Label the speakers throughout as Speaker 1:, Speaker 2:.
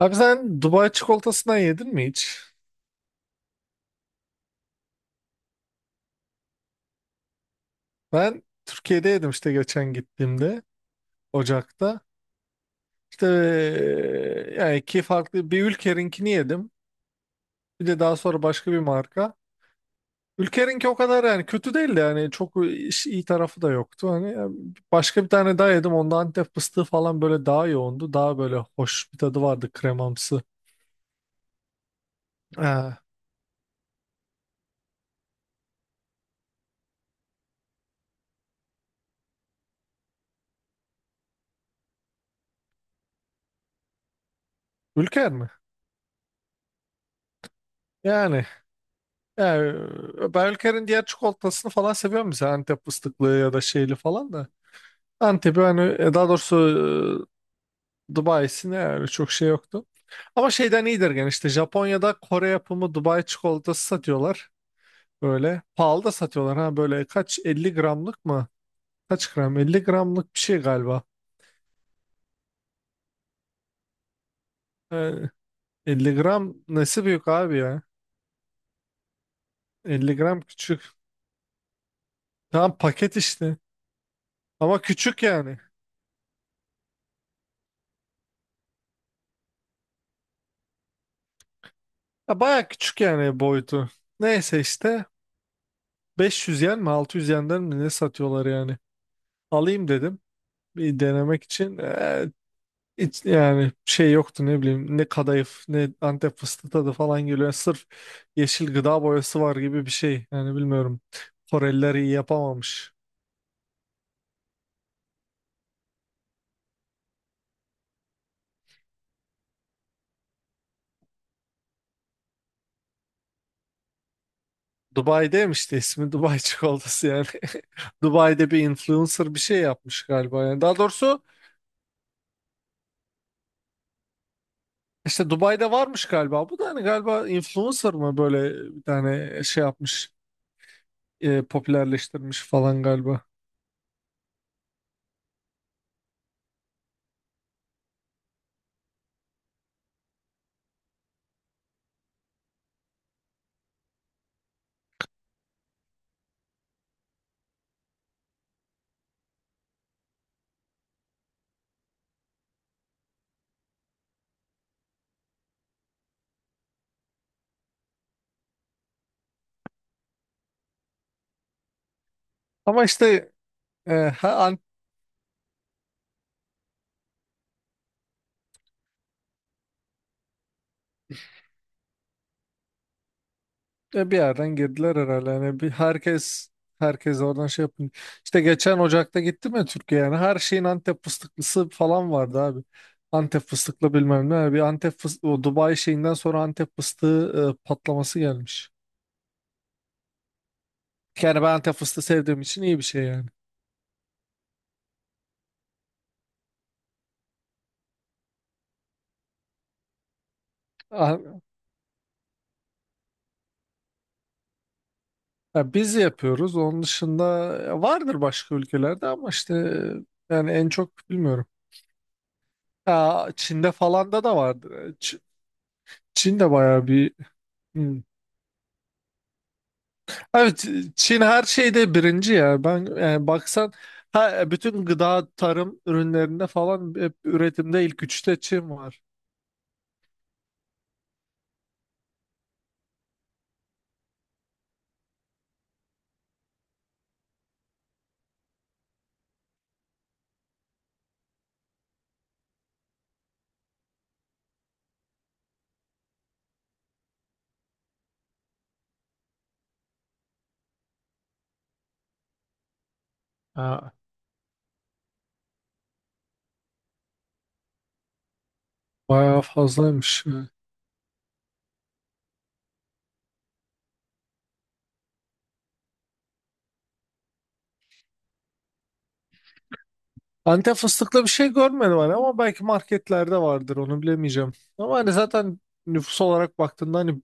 Speaker 1: Abi sen Dubai çikolatasından yedin mi hiç? Ben Türkiye'de yedim işte geçen gittiğimde Ocak'ta. İşte yani iki farklı bir Ülker'inkini yedim. Bir de daha sonra başka bir marka. Ülker'inki o kadar yani kötü değildi, yani çok iyi tarafı da yoktu. Hani yani başka bir tane daha yedim. Onda Antep fıstığı falan böyle daha yoğundu. Daha böyle hoş bir tadı vardı, kremamsı. Ha, Ülker mi? Yani, yani ben Ülker'in diğer çikolatasını falan seviyorum, mesela Antep fıstıklı ya da şeyli falan da. Antep'i hani daha doğrusu Dubai'si ne yani, çok şey yoktu. Ama şeyden iyidir gene, işte Japonya'da Kore yapımı Dubai çikolatası satıyorlar. Böyle pahalı da satıyorlar, ha böyle kaç, 50 gramlık mı? Kaç gram? Elli gramlık bir şey galiba. Ee, 50 gram nesi büyük abi ya? Elli gram küçük. Tamam paket işte. Ama küçük yani. Ya baya küçük yani boyutu. Neyse işte 500 yen mi 600 yenden mi ne satıyorlar yani. Alayım dedim bir denemek için. Hiç yani şey yoktu, ne bileyim ne kadayıf ne Antep fıstığı tadı falan geliyor. Yani sırf yeşil gıda boyası var gibi bir şey. Yani bilmiyorum. Koreliler iyi yapamamış. Dubai'deymiş de, ismi Dubai çikolatası yani. Dubai'de bir influencer bir şey yapmış galiba. Yani daha doğrusu işte Dubai'de varmış galiba. Bu da hani galiba influencer mı, böyle bir tane şey yapmış, popülerleştirmiş falan galiba. Ama işte e, ha, e bir yerden girdiler herhalde. Yani bir herkes herkes oradan şey yapın. İşte geçen Ocak'ta gittim ya Türkiye, yani her şeyin Antep fıstıklısı falan vardı abi. Antep fıstıklı bilmem ne. Yani bir Antep fıstığı, o Dubai şeyinden sonra Antep fıstığı patlaması gelmiş. Yani ben Antep fıstığı sevdiğim için iyi bir şey yani. A- Ya biz yapıyoruz. Onun dışında vardır başka ülkelerde, ama işte yani en çok bilmiyorum. Ya Çin'de falan da vardır. Ç- Çin bayağı bir hmm, abi, Çin her şeyde birinci ya. Ben yani baksan, ha, bütün gıda tarım ürünlerinde falan hep üretimde ilk üçte Çin var. Ha, bayağı fazlaymış yani. Antep fıstıklı bir şey görmedim hani, ama belki marketlerde vardır, onu bilemeyeceğim. Ama hani zaten nüfus olarak baktığında hani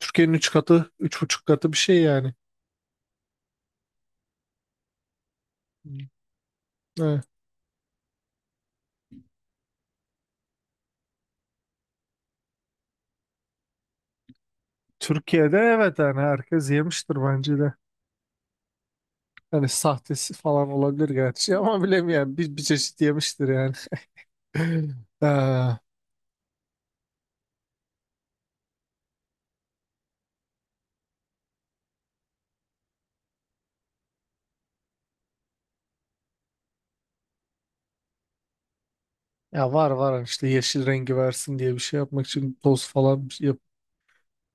Speaker 1: Türkiye'nin 3 katı, üç buçuk katı bir şey yani. Evet. Türkiye'de, evet, yani herkes yemiştir bence de. Hani sahtesi falan olabilir gerçi, ama bilemiyorum, bir çeşit yemiştir yani. Ee, ya var var, hani işte yeşil rengi versin diye bir şey yapmak için toz falan bir şey yap.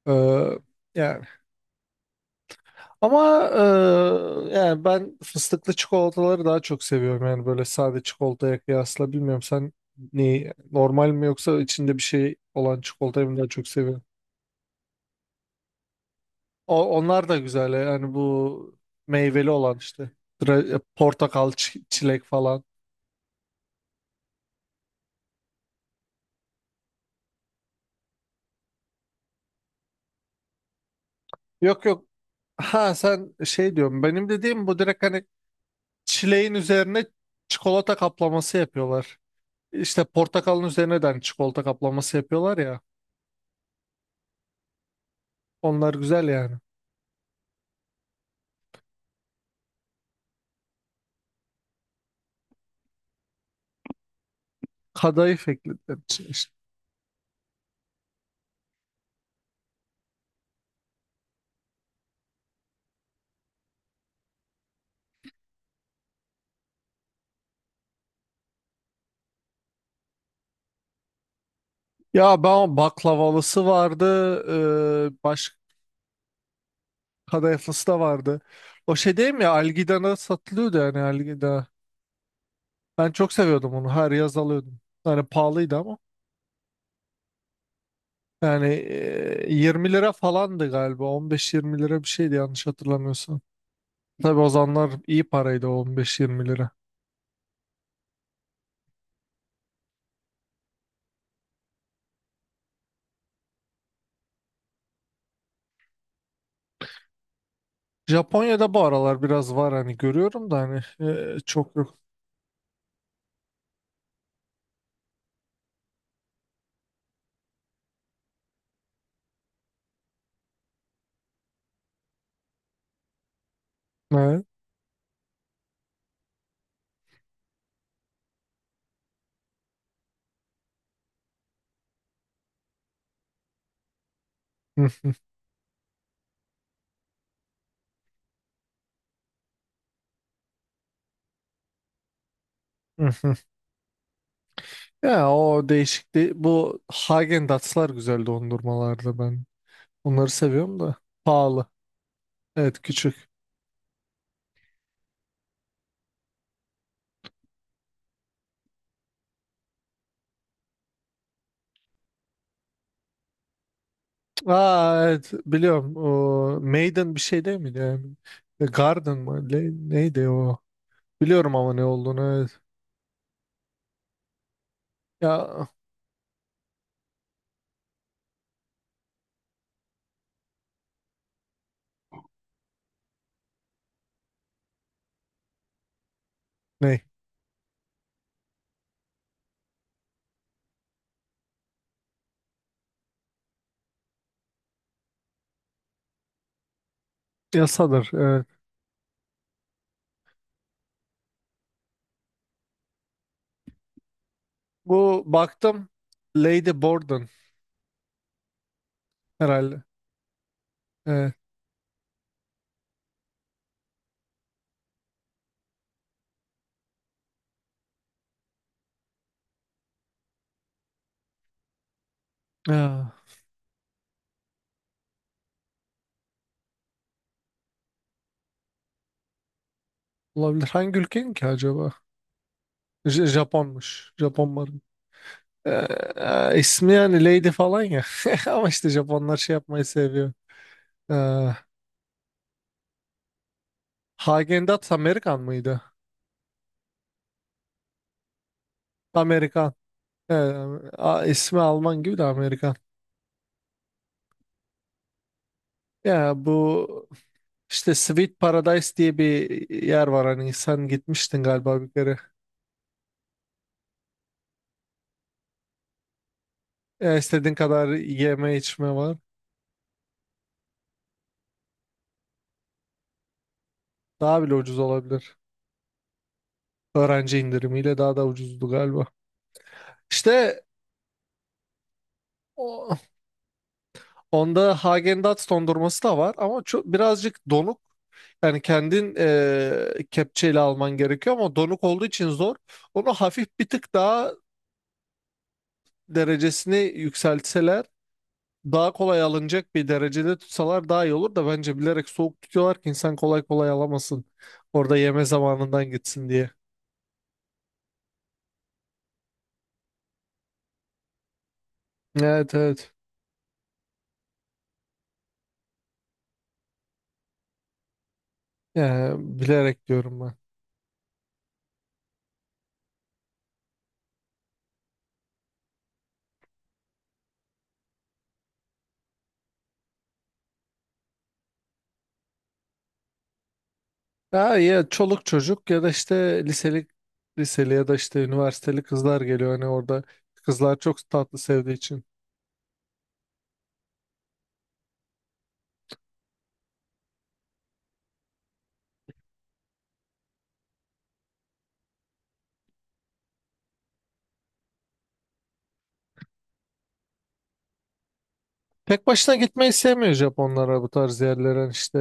Speaker 1: Ee, yani ama yani ben fıstıklı çikolataları daha çok seviyorum, yani böyle sade çikolataya kıyasla. Bilmiyorum, sen ne, normal mi yoksa içinde bir şey olan çikolatayı mı daha çok seviyorsun? O, onlar da güzel yani, bu meyveli olan işte, portakal, çilek falan. Yok yok. Ha sen şey diyorum. Benim dediğim bu, direkt hani çileğin üzerine çikolata kaplaması yapıyorlar. İşte portakalın üzerine de hani çikolata kaplaması yapıyorlar ya. Onlar güzel yani. Kadayıf eklediler içine işte. Ya ben baklavalısı vardı. E, baş Kadayıflısı da vardı. O şey değil mi ya, Algida'da satılıyordu, yani Algida. Ben çok seviyordum onu. Her yaz alıyordum. Yani pahalıydı ama. Yani 20 lira falandı galiba. 15-20 lira bir şeydi yanlış hatırlamıyorsam. Tabii o zamanlar iyi paraydı o 15-20 lira. Japonya'da bu aralar biraz var, hani görüyorum da, hani çok yok. Evet. Hı, hı, hı. Ya o değişikti. Bu Hagen Dazs'lar güzeldi dondurmalarda ben. Onları seviyorum da. Pahalı. Evet küçük. Aa evet biliyorum. O, Maiden bir şey değil miydi yani? Garden mı? Neydi o? Biliyorum ama ne olduğunu. Evet. Ya ne? Yasadır. Evet. Bu baktım. Lady Borden herhalde. Evet. Ya, olabilir. Hangi ülkenin ki acaba? Japonmuş. Japon marka. İsmi yani Lady falan ya. Ama işte Japonlar şey yapmayı seviyor. Ee, Hagen Dazs Amerikan mıydı? Amerikan. Ee, ismi Alman gibi de Amerikan. Ya bu işte Sweet Paradise diye bir yer var, hani sen gitmiştin galiba bir kere. Ya istediğin kadar yeme içme var. Daha bile ucuz olabilir. Öğrenci indirimiyle daha da ucuzdu galiba. İşte o, onda Häagen-Dazs dondurması da var ama çok, birazcık donuk. Yani kendin kepçeyle alman gerekiyor ama donuk olduğu için zor. Onu hafif bir tık daha derecesini yükseltseler, daha kolay alınacak bir derecede tutsalar daha iyi olur, da bence bilerek soğuk tutuyorlar ki insan kolay kolay alamasın. Orada yeme zamanından gitsin diye. Evet evet. Yani bilerek diyorum ben. Ha, ya çoluk çocuk, ya da işte liseli, ya da işte üniversiteli kızlar geliyor hani orada, kızlar çok tatlı sevdiği için. Tek başına gitmeyi sevmiyor Japonlara bu tarz yerlere. Hani işte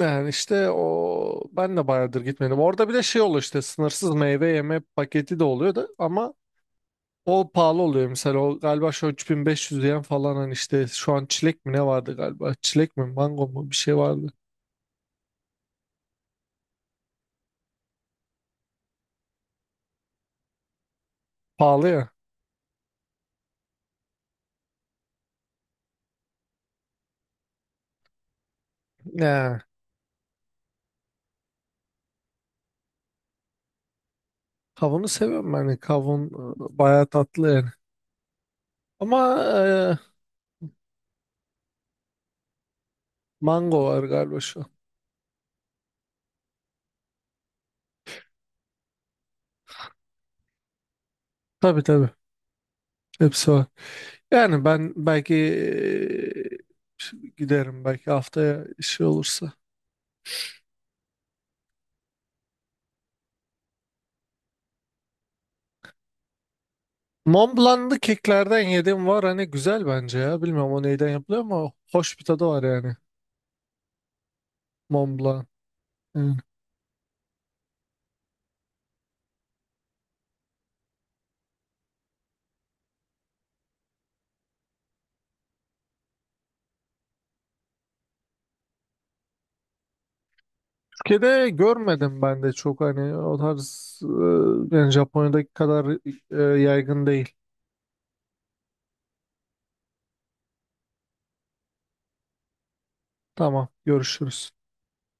Speaker 1: yani işte o, ben de bayağıdır gitmedim. Orada bir de şey oluyor, işte sınırsız meyve yeme paketi de oluyor da, ama o pahalı oluyor mesela, o galiba şu an 3.500 yen falan, hani işte şu an çilek mi ne vardı galiba, çilek mi mango mu bir şey vardı, pahalı ya. Ne. Kavunu seviyorum ben. Hani kavun bayağı tatlı yani. Ama mango var galiba şu an. Tabii tabii. Hepsi var. Yani ben belki giderim. Belki haftaya işi olursa. Mont Blanc'lı keklerden yediğim var. Hani güzel bence ya. Bilmiyorum o neyden yapılıyor, ama hoş bir tadı var yani. Mont Blanc. Yani Türkiye'de görmedim ben de çok, hani o tarz yani Japonya'daki kadar yaygın değil. Tamam görüşürüz.